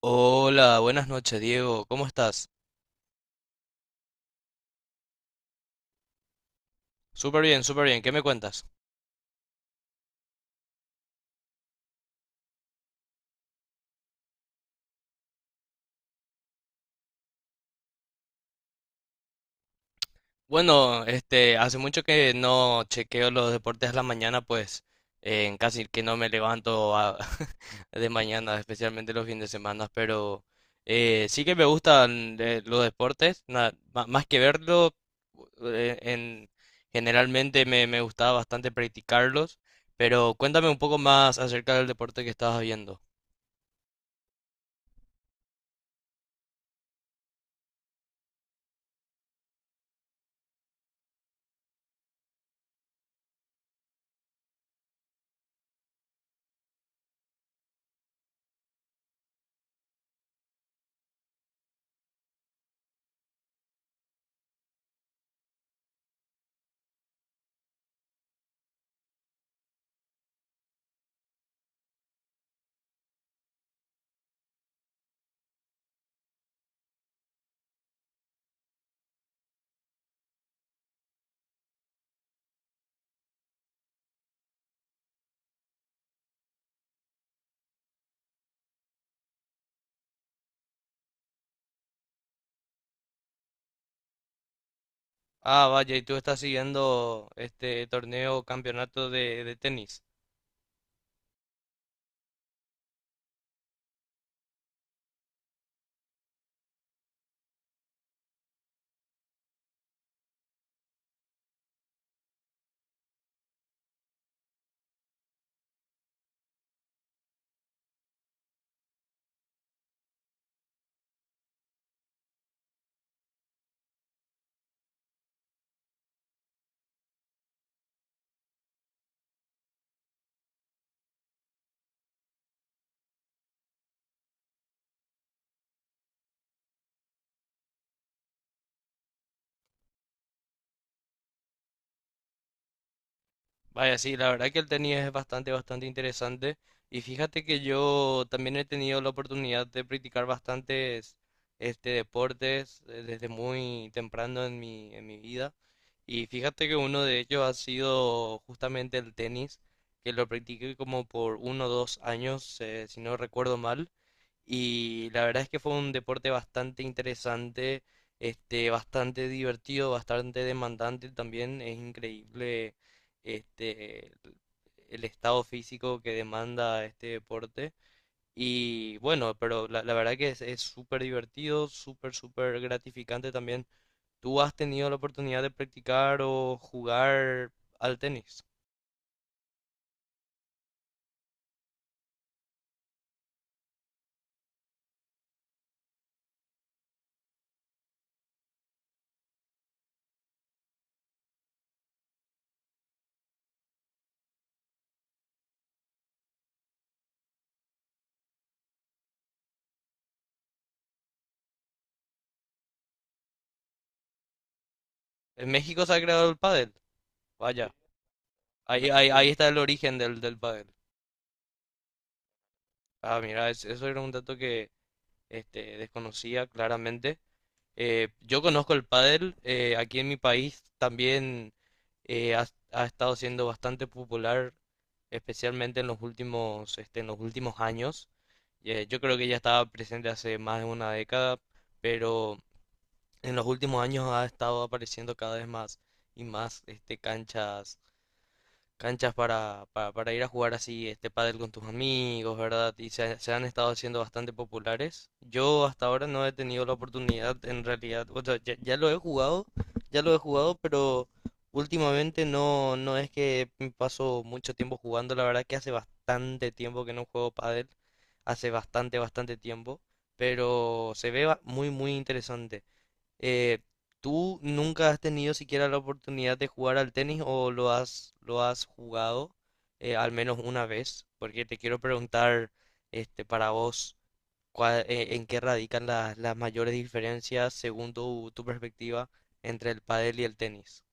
Hola, buenas noches, Diego. ¿Cómo estás? Súper bien, súper bien. ¿Qué me cuentas? Bueno, hace mucho que no chequeo los deportes a la mañana, pues en casi que no me levanto de mañana, especialmente los fines de semana, pero sí que me gustan los deportes, más que verlo, eh, en, generalmente me gustaba bastante practicarlos, pero cuéntame un poco más acerca del deporte que estabas viendo. Ah, vaya, ¿y tú estás siguiendo este torneo, campeonato de tenis? Vaya, sí, la verdad que el tenis es bastante, bastante interesante. Y fíjate que yo también he tenido la oportunidad de practicar bastantes deportes desde muy temprano en en mi vida. Y fíjate que uno de ellos ha sido justamente el tenis, que lo practiqué como por uno o dos años, si no recuerdo mal. Y la verdad es que fue un deporte bastante interesante, bastante divertido, bastante demandante también. Es increíble este, el estado físico que demanda este deporte. Y bueno, pero la verdad que es súper divertido, súper, súper gratificante también. ¿Tú has tenido la oportunidad de practicar o jugar al tenis? ¿En México se ha creado el pádel? Vaya, ahí, ahí, ahí está el origen del, del pádel. Ah, mira, eso era un dato que desconocía claramente. Yo conozco el pádel, aquí en mi país también eh, ha, ha estado siendo bastante popular, especialmente en los últimos, este, en los últimos años. Yo creo que ya estaba presente hace más de una década, pero en los últimos años ha estado apareciendo cada vez más y más este, canchas para ir a jugar así este pádel con tus amigos, ¿verdad? Y se han estado haciendo bastante populares. Yo hasta ahora no he tenido la oportunidad, en realidad, o sea, ya lo he jugado, ya lo he jugado, pero últimamente no, no es que paso mucho tiempo jugando, la verdad que hace bastante tiempo que no juego pádel, hace bastante, bastante tiempo, pero muy, muy interesante. Eh, ¿Tú nunca has tenido siquiera la oportunidad de jugar al tenis o lo has jugado al menos una vez? Porque te quiero preguntar, este, para vos, ¿en qué radican las mayores diferencias según tu perspectiva entre el pádel y el tenis?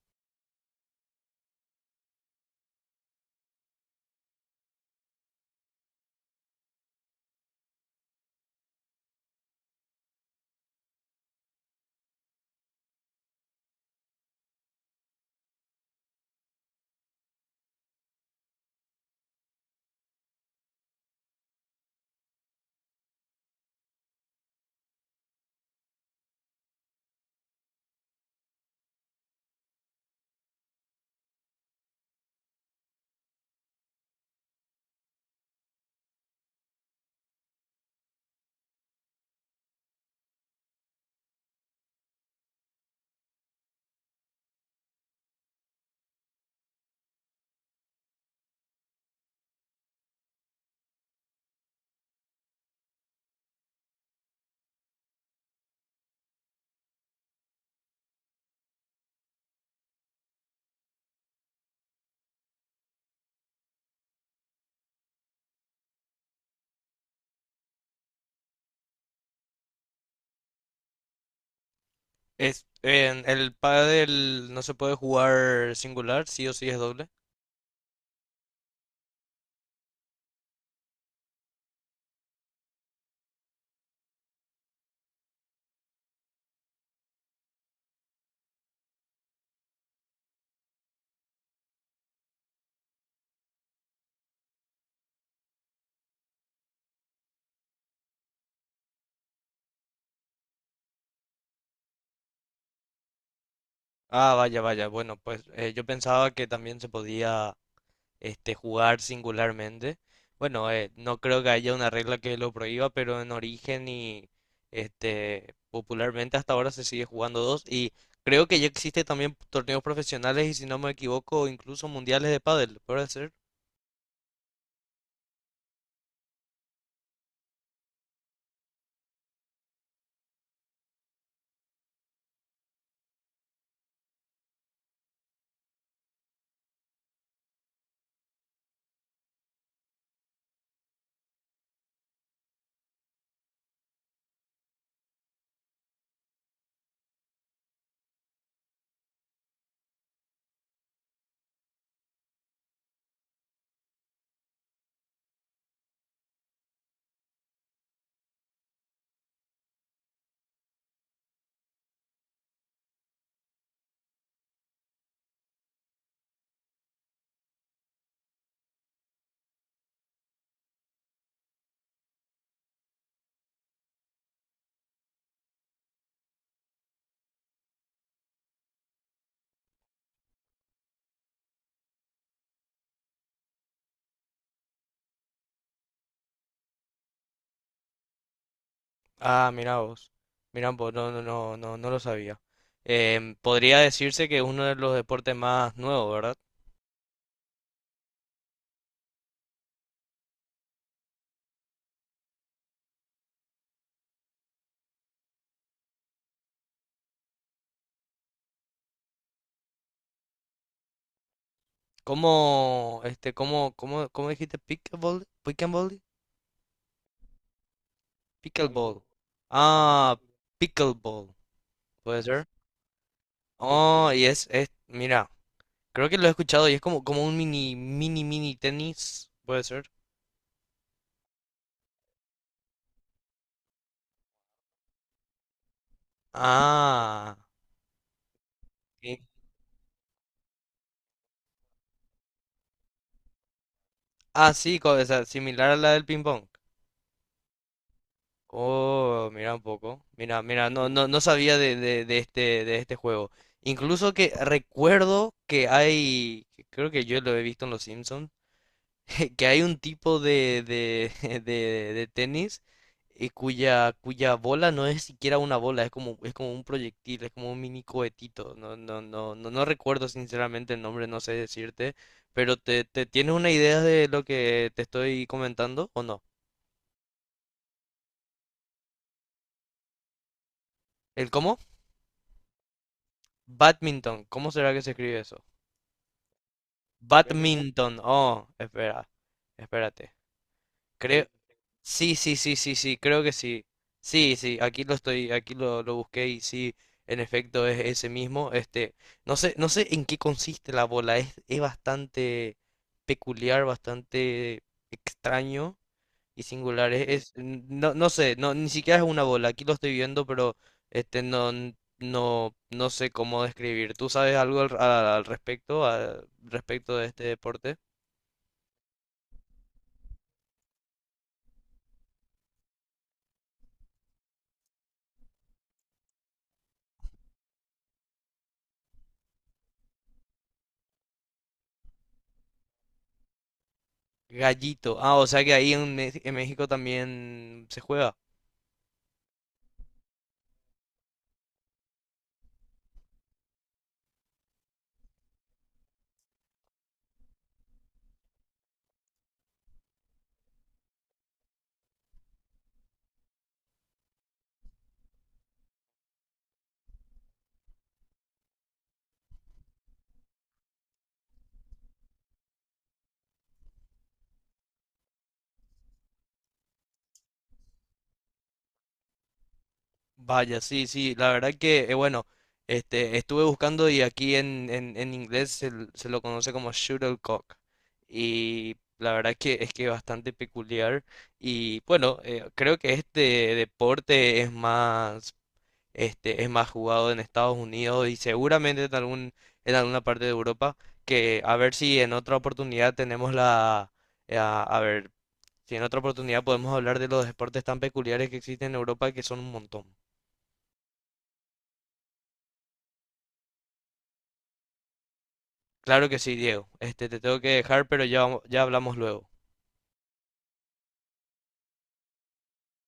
Es, en el pádel no se puede jugar singular, sí o sí es doble. Ah, vaya, vaya. Bueno, pues yo pensaba que también se podía jugar singularmente. Bueno, no creo que haya una regla que lo prohíba, pero en origen y popularmente hasta ahora se sigue jugando dos. Y creo que ya existe también torneos profesionales y si no me equivoco, incluso mundiales de pádel, ¿puede ser? Ah, mira vos. Mira vos, no, no, no, no, no lo sabía. Em, podría decirse que es uno de los deportes más nuevos, ¿verdad? ¿Cómo, este, cómo, cómo, cómo dijiste? ¿Pickleball? ¿Pickleball? Pickleball. Ah, pickleball. ¿Puede ser? Oh, y es, mira, creo que lo he escuchado y es como, como un mini, mini, mini tenis. ¿Puede ser? Ah, sí, ah, sí, co- o sea, similar a la del ping pong. Oh, mira un poco. Mira, mira, no, no, no sabía de este juego. Incluso que recuerdo que hay, que creo que yo lo he visto en los Simpsons que hay un tipo de, de tenis cuya, cuya bola no es siquiera una bola, es como un proyectil, es como un mini cohetito. No, no, no, no, no recuerdo sinceramente el nombre, no sé decirte, pero te tienes una idea de lo que te estoy comentando o no. ¿El cómo? Badminton, ¿cómo será que se escribe eso? Badminton. Badminton, oh, espera, espérate. Creo, sí, sí, sí, sí, sí, creo que sí. Sí, sí, aquí lo estoy, aquí lo busqué y sí, en efecto es ese mismo. Este, no sé, no sé en qué consiste la bola, es bastante peculiar, bastante extraño y singular. No, no sé, no, ni siquiera es una bola, aquí lo estoy viendo, pero no, no sé cómo describir. ¿Tú sabes algo al respecto de este deporte? Gallito. Ah, o sea que ahí en México también se juega. Vaya, sí, sí, la verdad que, bueno, este, estuve buscando y aquí en inglés se lo conoce como shuttlecock. Y la verdad que es bastante peculiar. Y bueno, creo que este deporte es más, este, es más jugado en Estados Unidos y seguramente en algún, en alguna parte de Europa, que a ver si en otra oportunidad tenemos la, a ver, si en otra oportunidad podemos hablar de los deportes tan peculiares que existen en Europa, que son un montón. Claro que sí, Diego. Este, te tengo que dejar, pero ya, ya hablamos luego.